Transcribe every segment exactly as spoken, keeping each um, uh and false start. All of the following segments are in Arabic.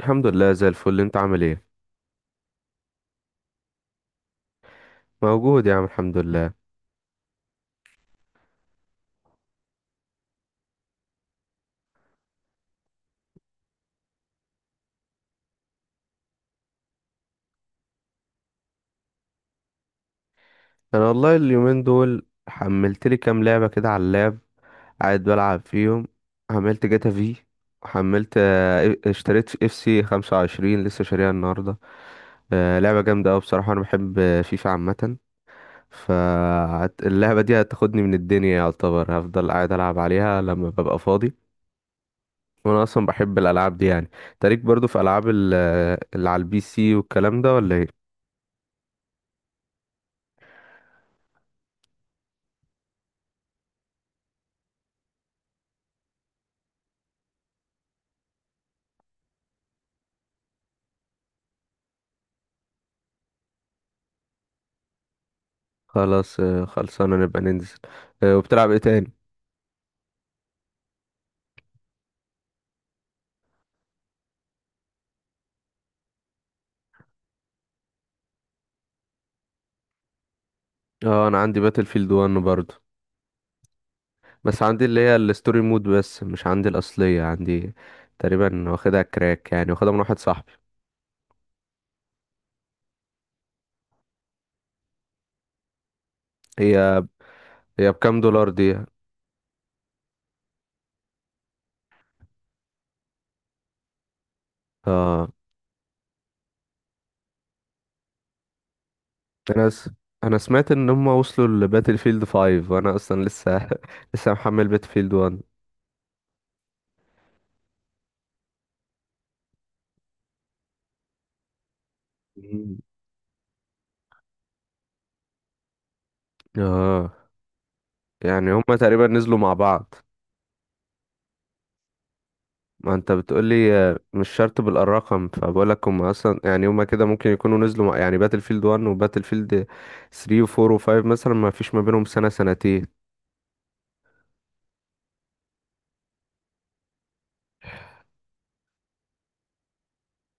الحمد لله زي الفل، انت عامل ايه؟ موجود يا عم، الحمد لله. انا والله اليومين دول حملت لي كام لعبه كده على اللاب. قاعد بلعب فيهم. حملت جاتا في. وحملت اه، اشتريت اف سي خمسة وعشرين، لسه شاريها النهارده. اه، لعبه جامده قوي بصراحه. انا بحب فيفا عامه، فاللعبه دي هتاخدني من الدنيا. يعتبر هفضل قاعد العب عليها لما ببقى فاضي. وانا اصلا بحب الالعاب دي يعني. تاريك برضو في العاب ال- اللي على البي سي والكلام ده، ولا ايه؟ خلاص، آه، خلصانة نبقى ننزل. آه، وبتلعب ايه تاني؟ اه، انا عندي باتل فيلد واحد برضه. بس عندي اللي هي الستوري مود بس، مش عندي الاصلية. عندي تقريبا واخدها كراك يعني، واخدها من واحد صاحبي. هي هي بكام دولار دي؟ اه، انا س... انا سمعت ان هم وصلوا لباتل فيلد خمسة، وانا اصلا لسه لسه محمل باتل فيلد واحد. مم. اه يعني هم تقريبا نزلوا مع بعض. ما انت بتقولي آه، مش شرط بالارقام، فبقولك هم اصلا يعني هما كده ممكن يكونوا نزلوا مع- يعني باتل فيلد واحد وباتل فيلد ثلاثة و4 و5 مثلا، ما فيش ما بينهم سنة سنتين.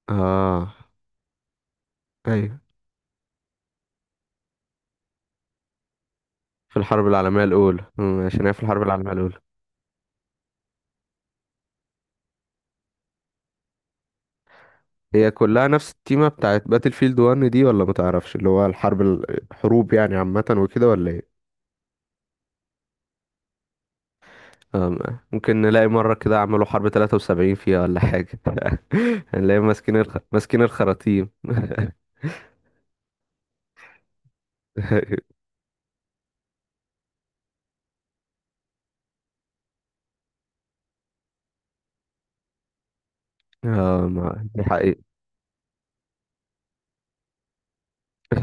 اه. ايوه، في الحرب العالمية الاولى. مم، عشان هي في الحرب العالمية الاولى. هي كلها نفس التيمة بتاعت باتل فيلد واحد دي، ولا ما تعرفش؟ اللي هو الحرب ال- الحروب يعني عامة وكده، ولا ايه؟ آه، ممكن نلاقي مرة كده عملوا حرب تلاتة وسبعين فيها ولا حاجة. هنلاقي ماسكين الخ... ماسكين الخراطيم. آه، ما دي حقيقة.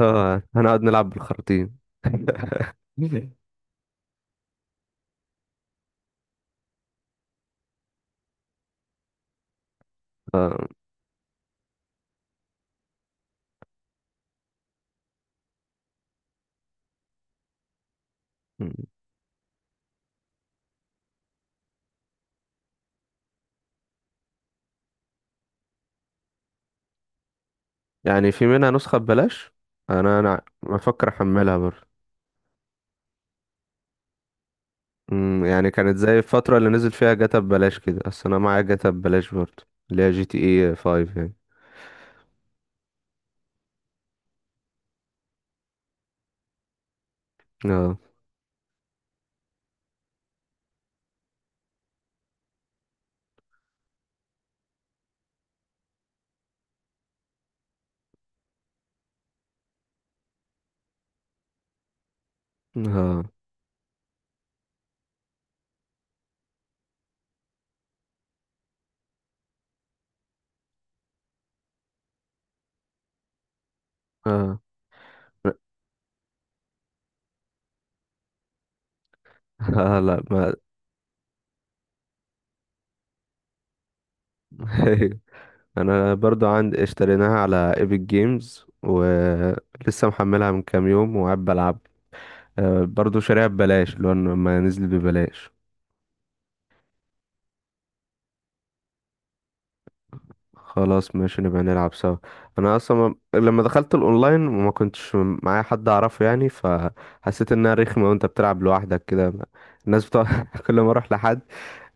آه، هنقعد نلعب بالخراطيم. آه. م. يعني في منها نسخة ببلاش. أنا أنا بفكر أحملها برضه. م، يعني كانت زي الفترة اللي نزل فيها جاتا ببلاش كده. أصل أنا معايا جاتا ببلاش برضه، اللي هي جي تي اي خمسة يعني. اه اه اه. آه لا ما. انا برضو عندي، اشتريناها على ايبك جيمز، ولسه محملها من كام يوم وقاعد بلعب. آه، برضو شاريها ببلاش، اللي هو لما نزل ببلاش. خلاص ماشي، نبقى نلعب سوا. انا اصلا ما- لما دخلت الاونلاين ما كنتش معايا حد اعرفه يعني، فحسيت انها رخمه وانت بتلعب لوحدك كده. الناس بتوع كل ما اروح لحد،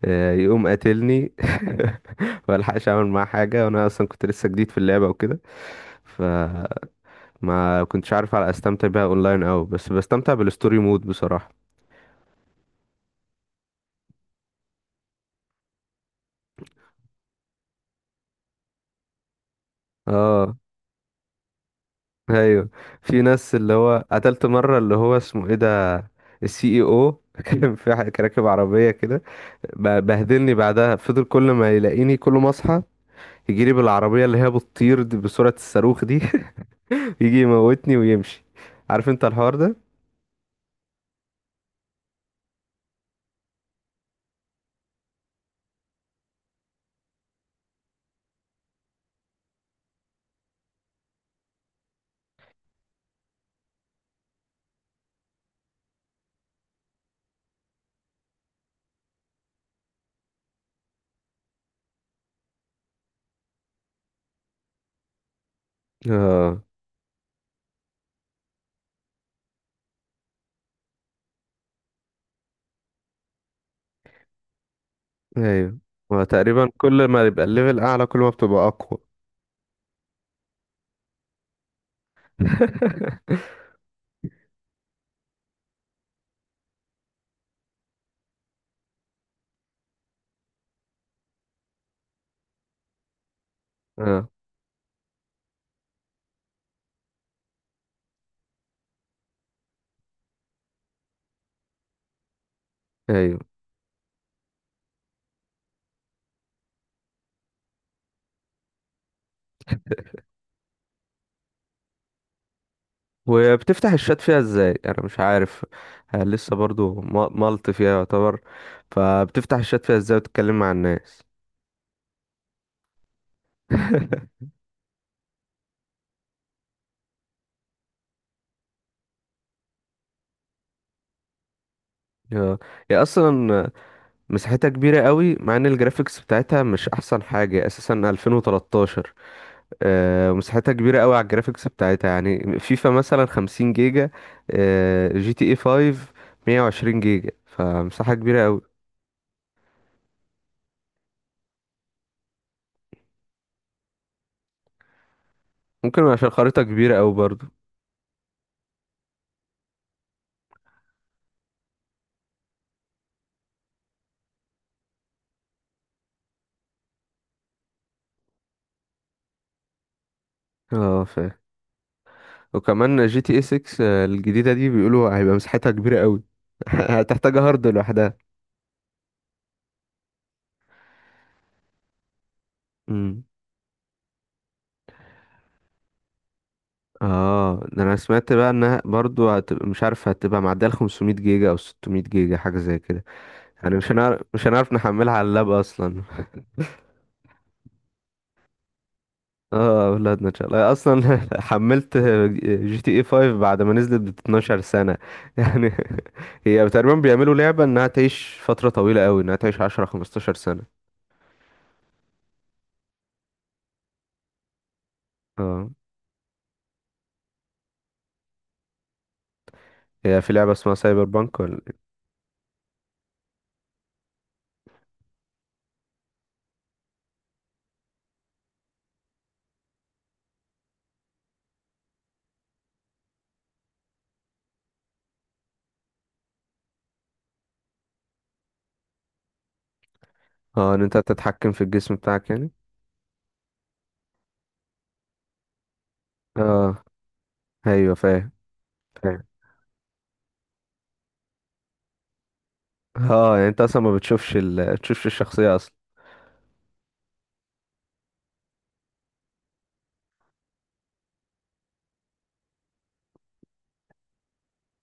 آه، يقوم قاتلني. ما الحقش اعمل معاه حاجه، وانا اصلا كنت لسه جديد في اللعبه وكده. فما كنتش عارف على استمتع بيها اونلاين أوي، بس بستمتع بالستوري مود بصراحه. اه، ايوه. في ناس اللي هو قتلت مره، اللي هو اسمه ايه ده، السي اي او. كان في ح- كان راكب عربيه كده. ب- بهدلني بعدها. فضل كل ما يلاقيني كل ما اصحى يجي لي بالعربيه اللي هي بتطير دي بسرعه الصاروخ دي. يجي يموتني ويمشي. عارف انت الحوار ده؟ اه، ايوه. هو تقريبا كل ما يبقى الليفل اعلى كل ما بتبقى اقوى. اه، ايوه. وبتفتح الشات فيها ازاي؟ انا مش عارف. آه، لسه برضو م- ملط فيها يعتبر. فبتفتح الشات فيها ازاي وتتكلم مع الناس؟ يا هي اصلا مساحتها كبيره قوي، مع ان الجرافيكس بتاعتها مش احسن حاجه، اساسا ألفين وتلتاشر. آه، مساحتها كبيره قوي على الجرافيكس بتاعتها. يعني فيفا مثلا خمسين جيجا، آه، جي تي اي خمسة مائة وعشرين جيجا. فمساحه كبيره قوي. ممكن عشان خريطه كبيره قوي برضو. اه، وكمان جي تي اي ستة، آه، الجديدة دي بيقولوا هيبقى مساحتها كبيرة قوي. هتحتاج هارد لوحدها. امم اه، ده انا سمعت بقى انها برضو هتبقى، مش عارف، هتبقى معدية ال خمسمية جيجا او ستمية جيجا حاجة زي كده. يعني مش هنعرف مش هنعرف نحملها على اللاب اصلا. اه، اولادنا ان شاء الله اصلا. حملت جي تي اي خمسة بعد ما نزلت ب اتناشر سنة. يعني هي تقريبا بيعملوا لعبة انها تعيش فترة طويلة قوي، انها تعيش عشرة خمستاشر سنة. اه، هي في لعبة اسمها سايبر بانك؟ اه، ان انت تتحكم في الجسم بتاعك يعني. اه، ايوه فاهم. فاهم. اه يعني انت اصلا ما بتشوفش ال... تشوفش الشخصيه اصلا.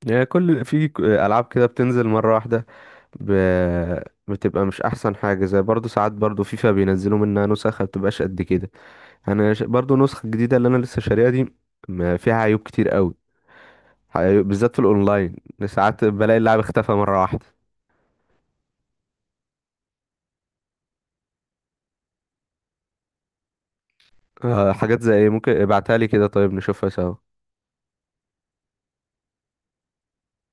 يعني كل في ك- العاب كده بتنزل مره واحده. ب... بتبقى مش احسن حاجه. زي برضو ساعات برضو، فيفا بينزلوا منها نسخ ما بتبقاش قد كده. انا ش... برضو نسخه جديده اللي انا لسه شاريها دي ما فيها عيوب كتير قوي. عيوب- بالذات في الاونلاين، ساعات بلاقي اللاعب اختفى مره واحده. آه، حاجات زي ايه؟ ممكن ابعتها لي كده، طيب، نشوفها سوا؟